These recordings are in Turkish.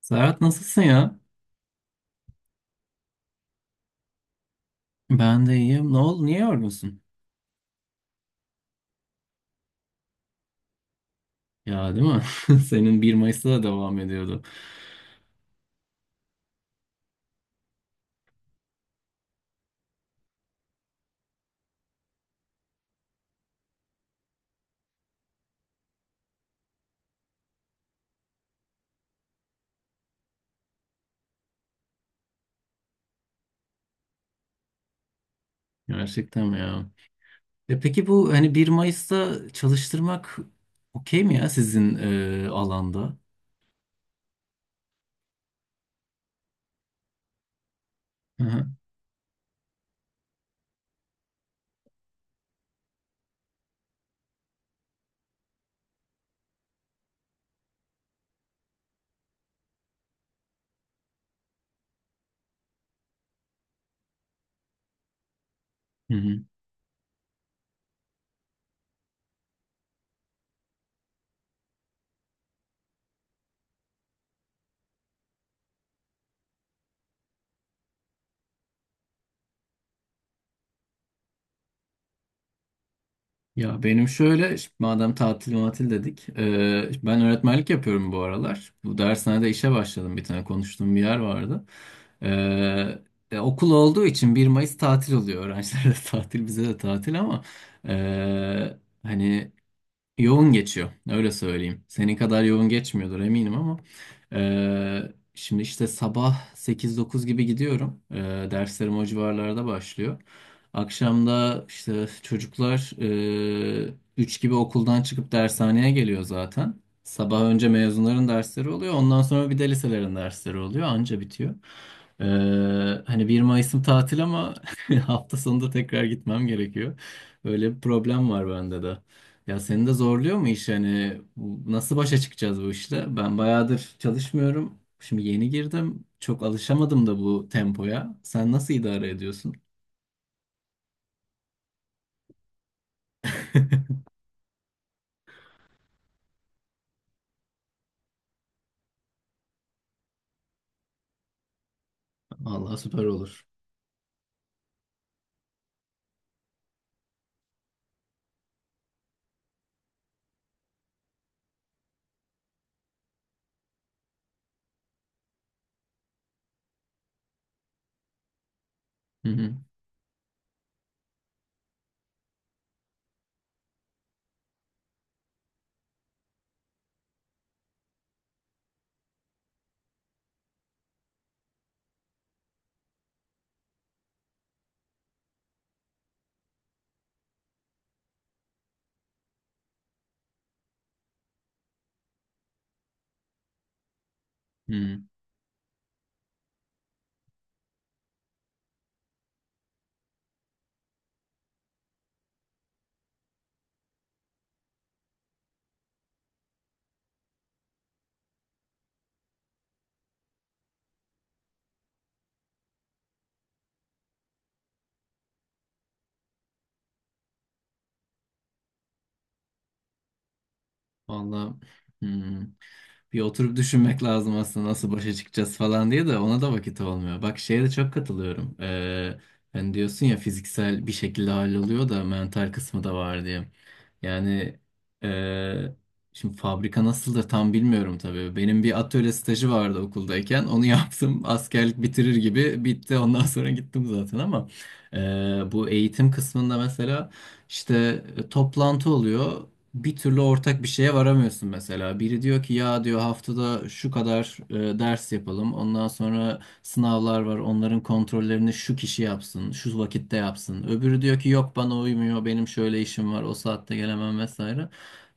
Serhat, nasılsın ya? Ben de iyiyim. Ne oldu? Niye yorgunsun? Ya, değil mi? Senin bir Mayıs'ta da devam ediyordu. Gerçekten mi ya? E peki bu hani 1 Mayıs'ta çalıştırmak okey mi ya sizin alanda? Hı hı. Ya benim şöyle, şimdi madem tatil matil dedik, ben öğretmenlik yapıyorum bu aralar. Bu dershanede işe başladım, bir tane konuştuğum bir yer vardı. Eee, Okul olduğu için bir Mayıs tatil oluyor. Öğrencilere de tatil, bize de tatil ama eee, hani yoğun geçiyor, öyle söyleyeyim. Senin kadar yoğun geçmiyordur eminim ama. Şimdi işte sabah sekiz dokuz gibi gidiyorum. Derslerim o civarlarda başlıyor. Akşamda işte çocuklar 3 gibi okuldan çıkıp dershaneye geliyor zaten. Sabah önce mezunların dersleri oluyor. Ondan sonra bir de liselerin dersleri oluyor. Anca bitiyor. Eee, Hani bir Mayıs'ım tatil ama hafta sonunda tekrar gitmem gerekiyor. Öyle bir problem var bende de. Ya seni de zorluyor mu iş, hani bu- nasıl başa çıkacağız bu işle? Ben bayağıdır çalışmıyorum. Şimdi yeni girdim. Çok alışamadım da bu tempoya. Sen nasıl idare ediyorsun? Vallahi süper olur. Hı hı. Hı. Vallahi, hmm, bir oturup düşünmek lazım aslında nasıl başa çıkacağız falan diye, de ona da vakit olmuyor. Bak şeye de çok katılıyorum. Hani diyorsun ya, fiziksel bir şekilde halloluyor da mental kısmı da var diye. Yani eee, şimdi fabrika nasıldır tam bilmiyorum tabii. Benim bir atölye stajı vardı okuldayken. Onu yaptım. Askerlik bitirir gibi bitti. Ondan sonra gittim zaten ama bu eğitim kısmında mesela işte toplantı oluyor, bir türlü ortak bir şeye varamıyorsun mesela. Biri diyor ki ya, diyor, haftada şu kadar ders yapalım. Ondan sonra sınavlar var. Onların kontrollerini şu kişi yapsın, şu vakitte yapsın. Öbürü diyor ki yok, bana uymuyor. Benim şöyle işim var. O saatte gelemem vesaire.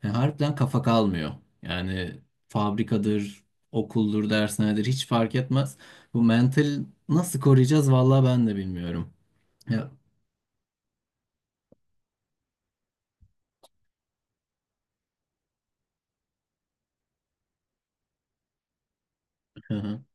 Yani harbiden kafa kalmıyor. Yani fabrikadır, okuldur, dershanedir, hiç fark etmez. Bu mental nasıl koruyacağız vallahi ben de bilmiyorum. Ya.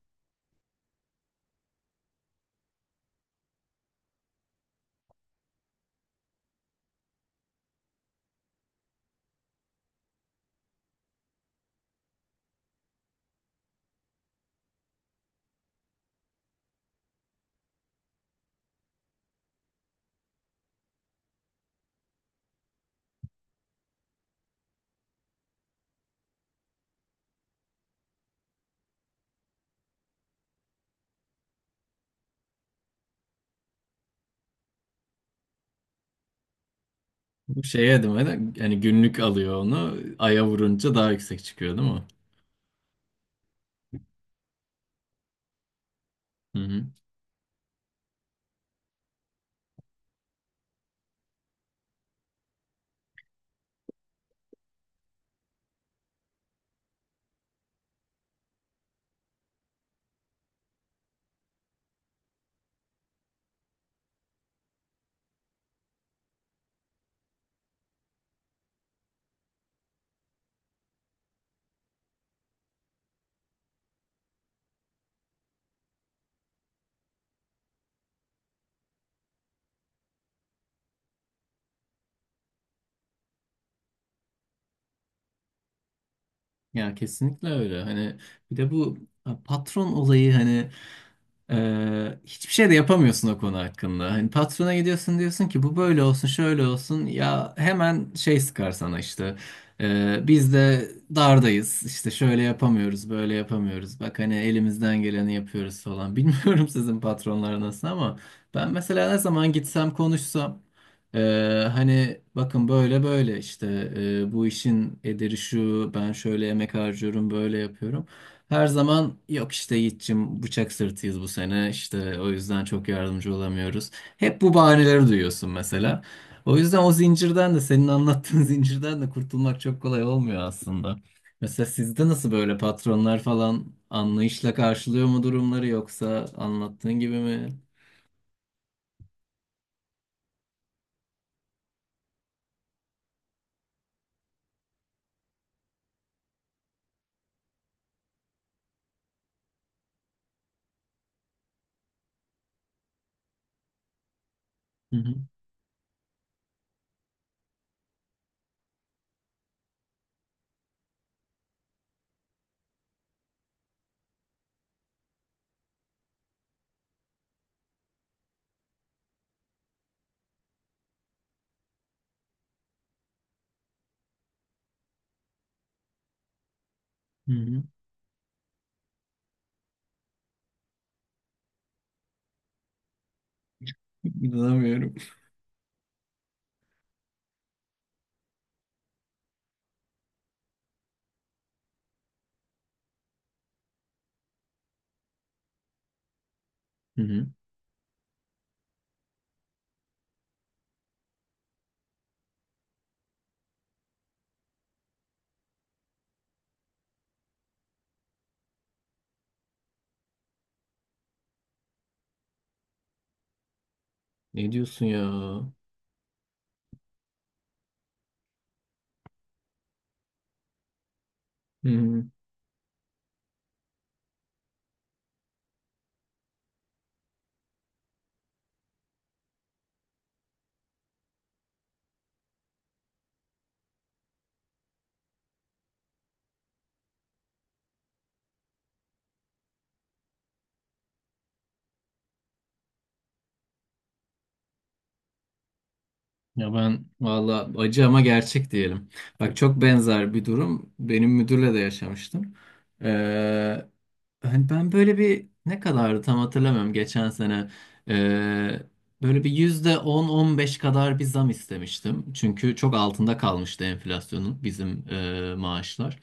Bu şey adımı da, yani günlük alıyor onu. Aya vurunca daha yüksek çıkıyor değil mi? Hı hı. Ya kesinlikle öyle. Hani bir de bu patron olayı, hani hiçbir şey de yapamıyorsun o konu hakkında. Hani patrona gidiyorsun, diyorsun ki bu böyle olsun, şöyle olsun. Ya hemen şey sıkar sana işte. Biz de dardayız. İşte şöyle yapamıyoruz, böyle yapamıyoruz. Bak hani elimizden geleni yapıyoruz falan. Bilmiyorum sizin patronlar nasıl ama ben mesela ne zaman gitsem, konuşsam, hani bakın böyle böyle işte, bu işin ederi şu, ben şöyle emek harcıyorum, böyle yapıyorum. Her zaman yok işte Yiğit'cim, bıçak sırtıyız bu sene işte, o yüzden çok yardımcı olamıyoruz. Hep bu bahaneleri duyuyorsun mesela. O yüzden o zincirden de, senin anlattığın zincirden de kurtulmak çok kolay olmuyor aslında. Mesela sizde nasıl, böyle patronlar falan anlayışla karşılıyor mu durumları, yoksa anlattığın gibi mi? Hı hı. Hı hı. İnanamıyorum. Ne diyorsun ya? Hmm. Ya ben valla acı ama gerçek diyelim. Bak çok benzer bir durum benim müdürle de yaşamıştım. Ee, Hani ben böyle bir, ne kadardı tam hatırlamıyorum, geçen sene. Ee, Böyle bir %10-15 kadar bir zam istemiştim. Çünkü çok altında kalmıştı enflasyonun bizim maaşlar.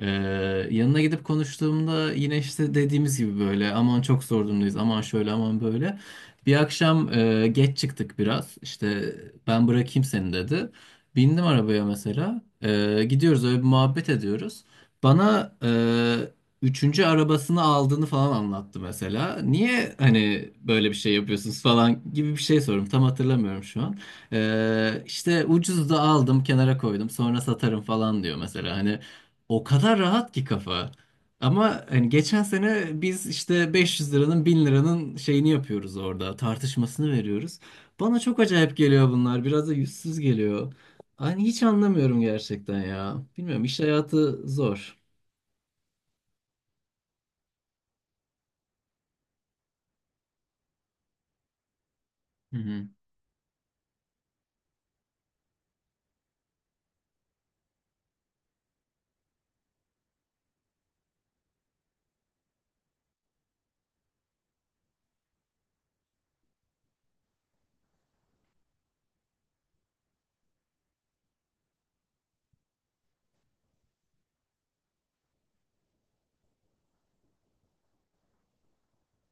Ee, Yanına gidip konuştuğumda yine işte dediğimiz gibi böyle, aman çok zor durumdayız, aman şöyle, aman böyle. Bir akşam geç çıktık biraz. İşte ben bırakayım seni dedi. Bindim arabaya mesela. Gidiyoruz, öyle bir muhabbet ediyoruz. Bana üçüncü arabasını aldığını falan anlattı mesela. Niye hani böyle bir şey yapıyorsunuz falan gibi bir şey sorum. Tam hatırlamıyorum şu an. İşte ucuz da aldım, kenara koydum, sonra satarım falan diyor mesela. Hani o kadar rahat ki kafa. Ama hani geçen sene biz işte 500 liranın, 1000 liranın şeyini yapıyoruz orada. Tartışmasını veriyoruz. Bana çok acayip geliyor bunlar. Biraz da yüzsüz geliyor. Hani hiç anlamıyorum gerçekten ya. Bilmiyorum, iş hayatı zor. Hı hı.